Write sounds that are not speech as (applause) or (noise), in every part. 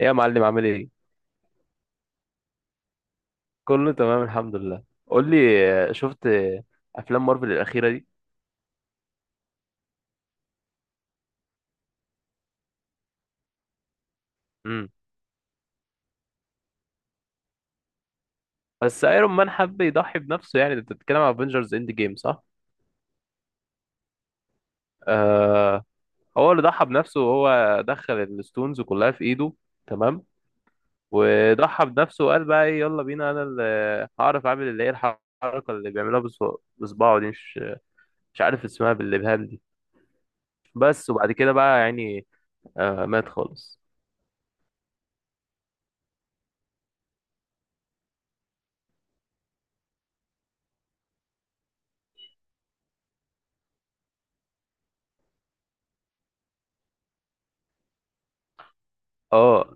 ايه يا معلم، عامل ايه؟ كله تمام، الحمد لله. قول لي. شفت افلام مارفل الاخيره دي. امم. بس ايرون مان حب يضحي بنفسه، يعني انت بتتكلم على افنجرز اند جيم، صح؟ آه. هو اللي ضحى بنفسه وهو دخل الستونز كلها في ايده، تمام. وضحى بنفسه وقال بقى ايه، يلا بينا، انا اللي هعرف اعمل اللي هي الحركه اللي بيعملها بصباعه دي، مش عارف اسمها، بالابهام دي. بس وبعد كده بقى يعني مات خالص. اه.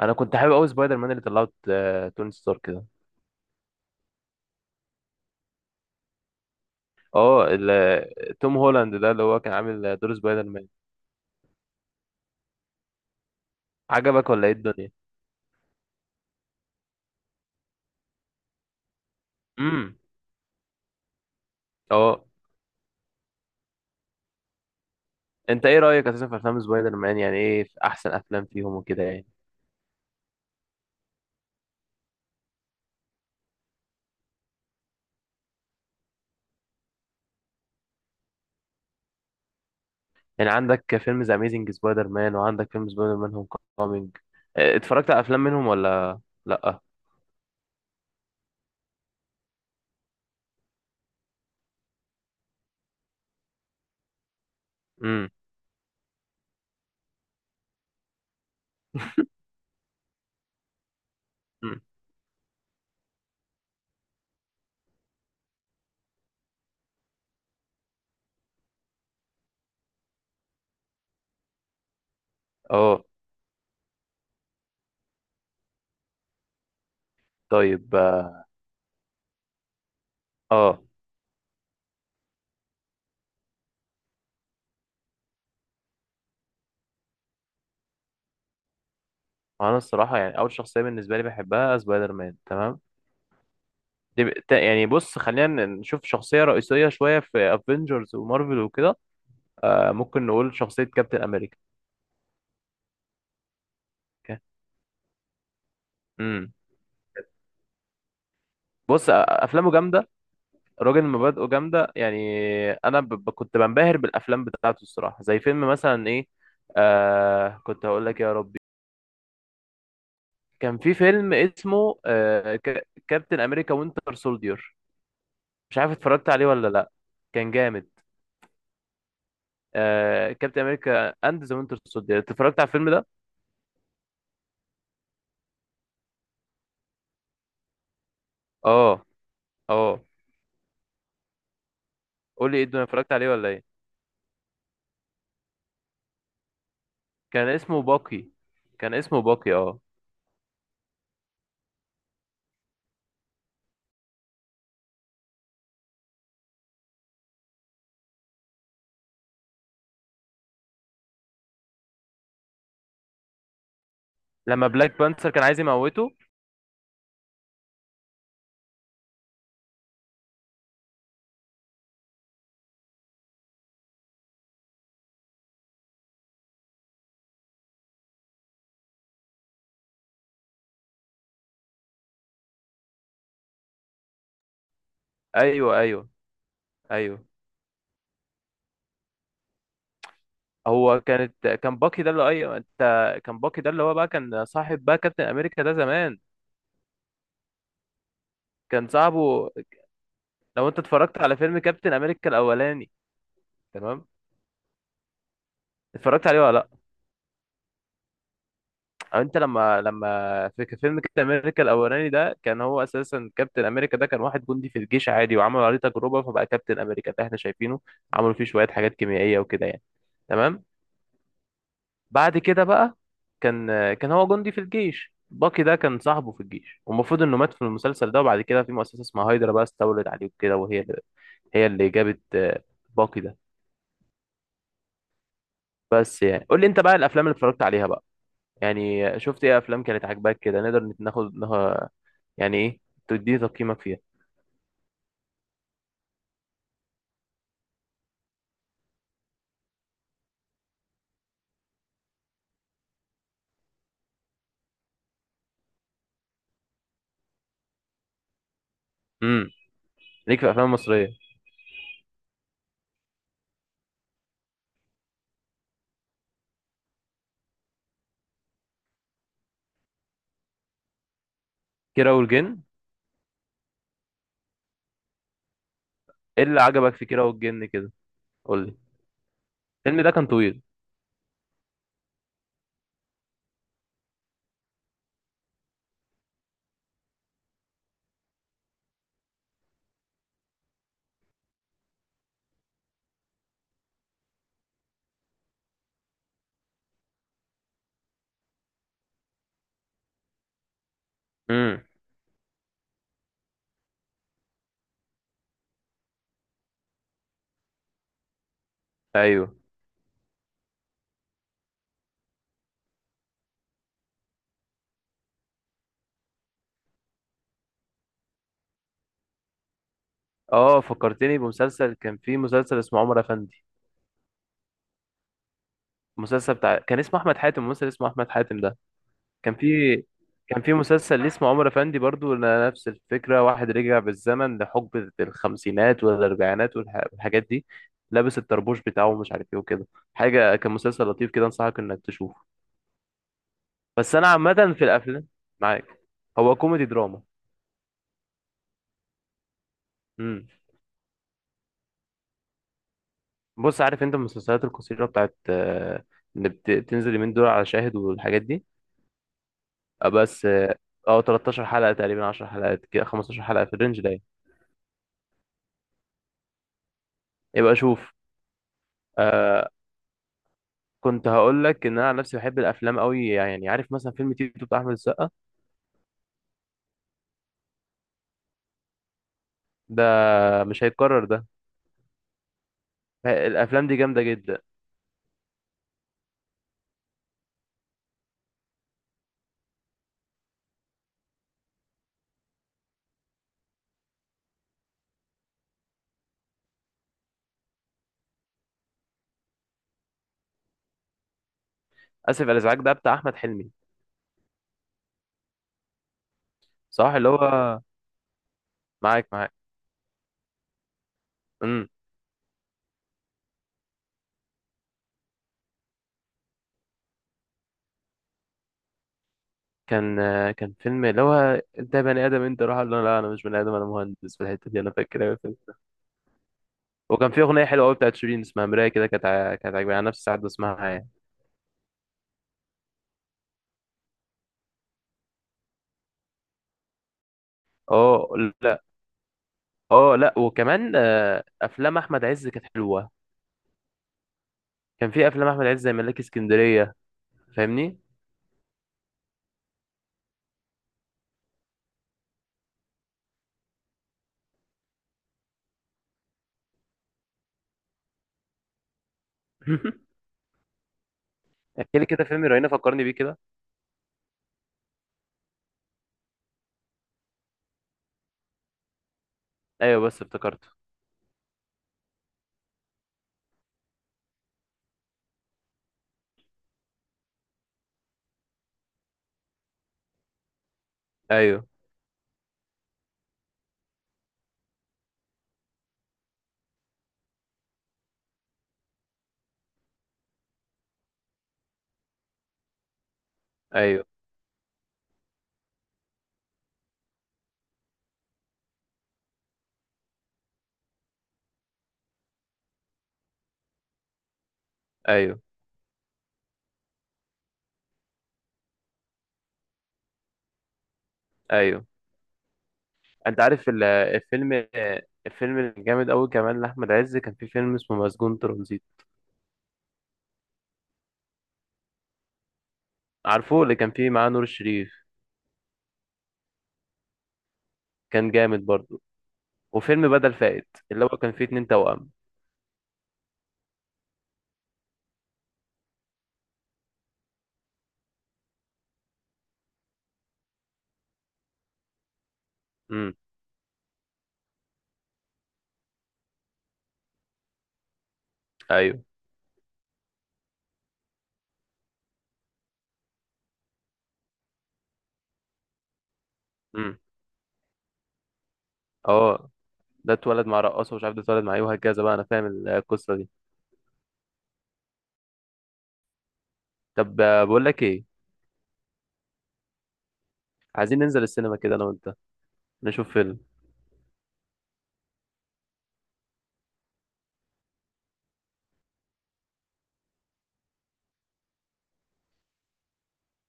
انا كنت حابب قوي سبايدر مان اللي طلعت توني ستارك ده. اه، توم هولاند ده اللي هو كان عامل دور سبايدر مان. عجبك ولا ايه الدنيا؟ امم، اه. انت ايه رايك اساسا في افلام سبايدر مان، يعني ايه في احسن افلام فيهم وكده يعني؟ يعني عندك فيلم ذا اميزنج سبايدر مان، وعندك فيلم سبايدر مان هوم كومينج. اتفرجت على افلام منهم ولا لا؟ امم. مم. اه، طيب، اه، آه. انا الصراحه يعني اول شخصيه بالنسبه لي بحبها سبايدر مان، تمام. دي ب- يعني بص، خلينا نشوف شخصية رئيسية شوية في افنجرز ومارفل وكده. ممكن نقول شخصية كابتن امريكا. امم. بص، افلامه جامدة. راجل مبادئه جامدة يعني. انا كنت بنبهر بالافلام بتاعته الصراحة، زي فيلم مثلا ايه. كنت هقول لك، يا ربي. كان في فيلم اسمه كابتن امريكا وينتر سولدير. مش عارف اتفرجت عليه ولا لا. كان جامد. كابتن امريكا اند ذا وينتر سولدير، اتفرجت على الفيلم ده. اه اه، قول لي ايه الدنيا، اتفرجت عليه ولا ايه؟ كان اسمه باقي كان اسمه باقي، اه. لما بلاك بانثر كان عايز يموته. ايوه، ايوه، ايوه، هو كان باقي ده اللي، ايوه، انت. كان باقي ده اللي هو بقى كان صاحب بقى كابتن امريكا ده زمان. كان صاحبه. لو انت اتفرجت على فيلم كابتن امريكا الاولاني، تمام. اتفرجت عليه ولا لا؟ او انت لما في فيلم كابتن امريكا الاولاني ده، كان هو اساسا كابتن امريكا ده كان واحد جندي في الجيش عادي، وعملوا عليه تجربه فبقى كابتن امريكا ده احنا شايفينه، عملوا فيه شويه حاجات كيميائيه وكده يعني، تمام. بعد كده بقى كان كان هو جندي في الجيش. باكي ده كان صاحبه في الجيش، والمفروض انه مات في المسلسل ده، وبعد كده في مؤسسه اسمها هايدرا بقى استولت عليه وكده، وهي اللي جابت باكي ده. بس يعني قول لي انت بقى الافلام اللي اتفرجت عليها بقى. يعني شفت ايه افلام كانت عاجباك كده، نقدر ناخد يعني ايه، تديني تقييمك فيها؟ امم. ليك في افلام مصريه. كيرة والجن. ايه اللي عجبك في كيرة والجن كده، قول لي؟ الفيلم ده كان طويل. امم، ايوه، اه، فكرتني بمسلسل. كان فيه مسلسل اسمه عمر افندي. المسلسل بتاع كان اسمه احمد حاتم. الممثل اسمه احمد حاتم ده كان فيه. كان في مسلسل ليه اسمه عمر افندي برضو، نفس الفكره. واحد رجع بالزمن لحقبه الخمسينات والاربعينات والحاجات دي. لابس الطربوش بتاعه ومش عارف ايه وكده حاجه. كان مسلسل لطيف كده، انصحك انك تشوفه. بس انا عامه في الافلام معاك. هو كوميدي دراما. امم. بص، عارف انت المسلسلات القصيره بتاعت اللي بتنزل اليومين دول على شاهد والحاجات دي. بس اه 13 حلقه تقريبا، 10 حلقات كده، 15 حلقه في الرينج ده يعني. يبقى شوف. آه كنت هقول لك ان انا عن نفسي بحب الافلام قوي يعني، عارف مثلا فيلم تيتو بتاع احمد السقا. ده مش هيتكرر ده. الافلام دي جامده جدا. اسف على الازعاج، ده بتاع احمد حلمي. صح اللي هو. معاك، معاك. كان كان فيلم اللي هو، انت بني ادم، انت روح، قال له لا انا مش بني ادم، انا مهندس في الحته دي. انا فاكر قوي الفيلم. وكان في اغنيه حلوه قوي بتاعت شيرين اسمها مرايه كده، كانت كانت عاجباني. انا نفسي ساعات بسمعها يعني. اه، لا. اه، لا، وكمان افلام احمد عز كانت حلوه. كان في افلام احمد عز زي ملاك اسكندريه، فاهمني؟ (laughs) احكي لي كده فيلم رهينه، فكرني بيه كده. ايوه بس افتكرته. ايوه، ايوه، ايوه، ايوه. انت عارف الفيلم الجامد قوي كمان لاحمد عز، كان في فيلم اسمه مسجون ترانزيت. عارفه اللي كان فيه معاه نور الشريف. كان جامد برضو. وفيلم بدل فائت اللي هو كان فيه اتنين توأم. امم، ايوه، امم، اه. ده اتولد مع رقاصة ومش عارف ده اتولد مع ايه وهكذا بقى، انا فاهم القصة دي. طب، بقول لك ايه؟ عايزين ننزل السينما كده انا وانت، نشوف فيلم.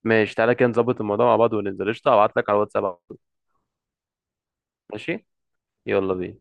ماشي، تعالى كده نظبط الموضوع مع بعض وننزل، قشطة. هبعت لك على الواتساب على طول. ماشي، يلا بينا.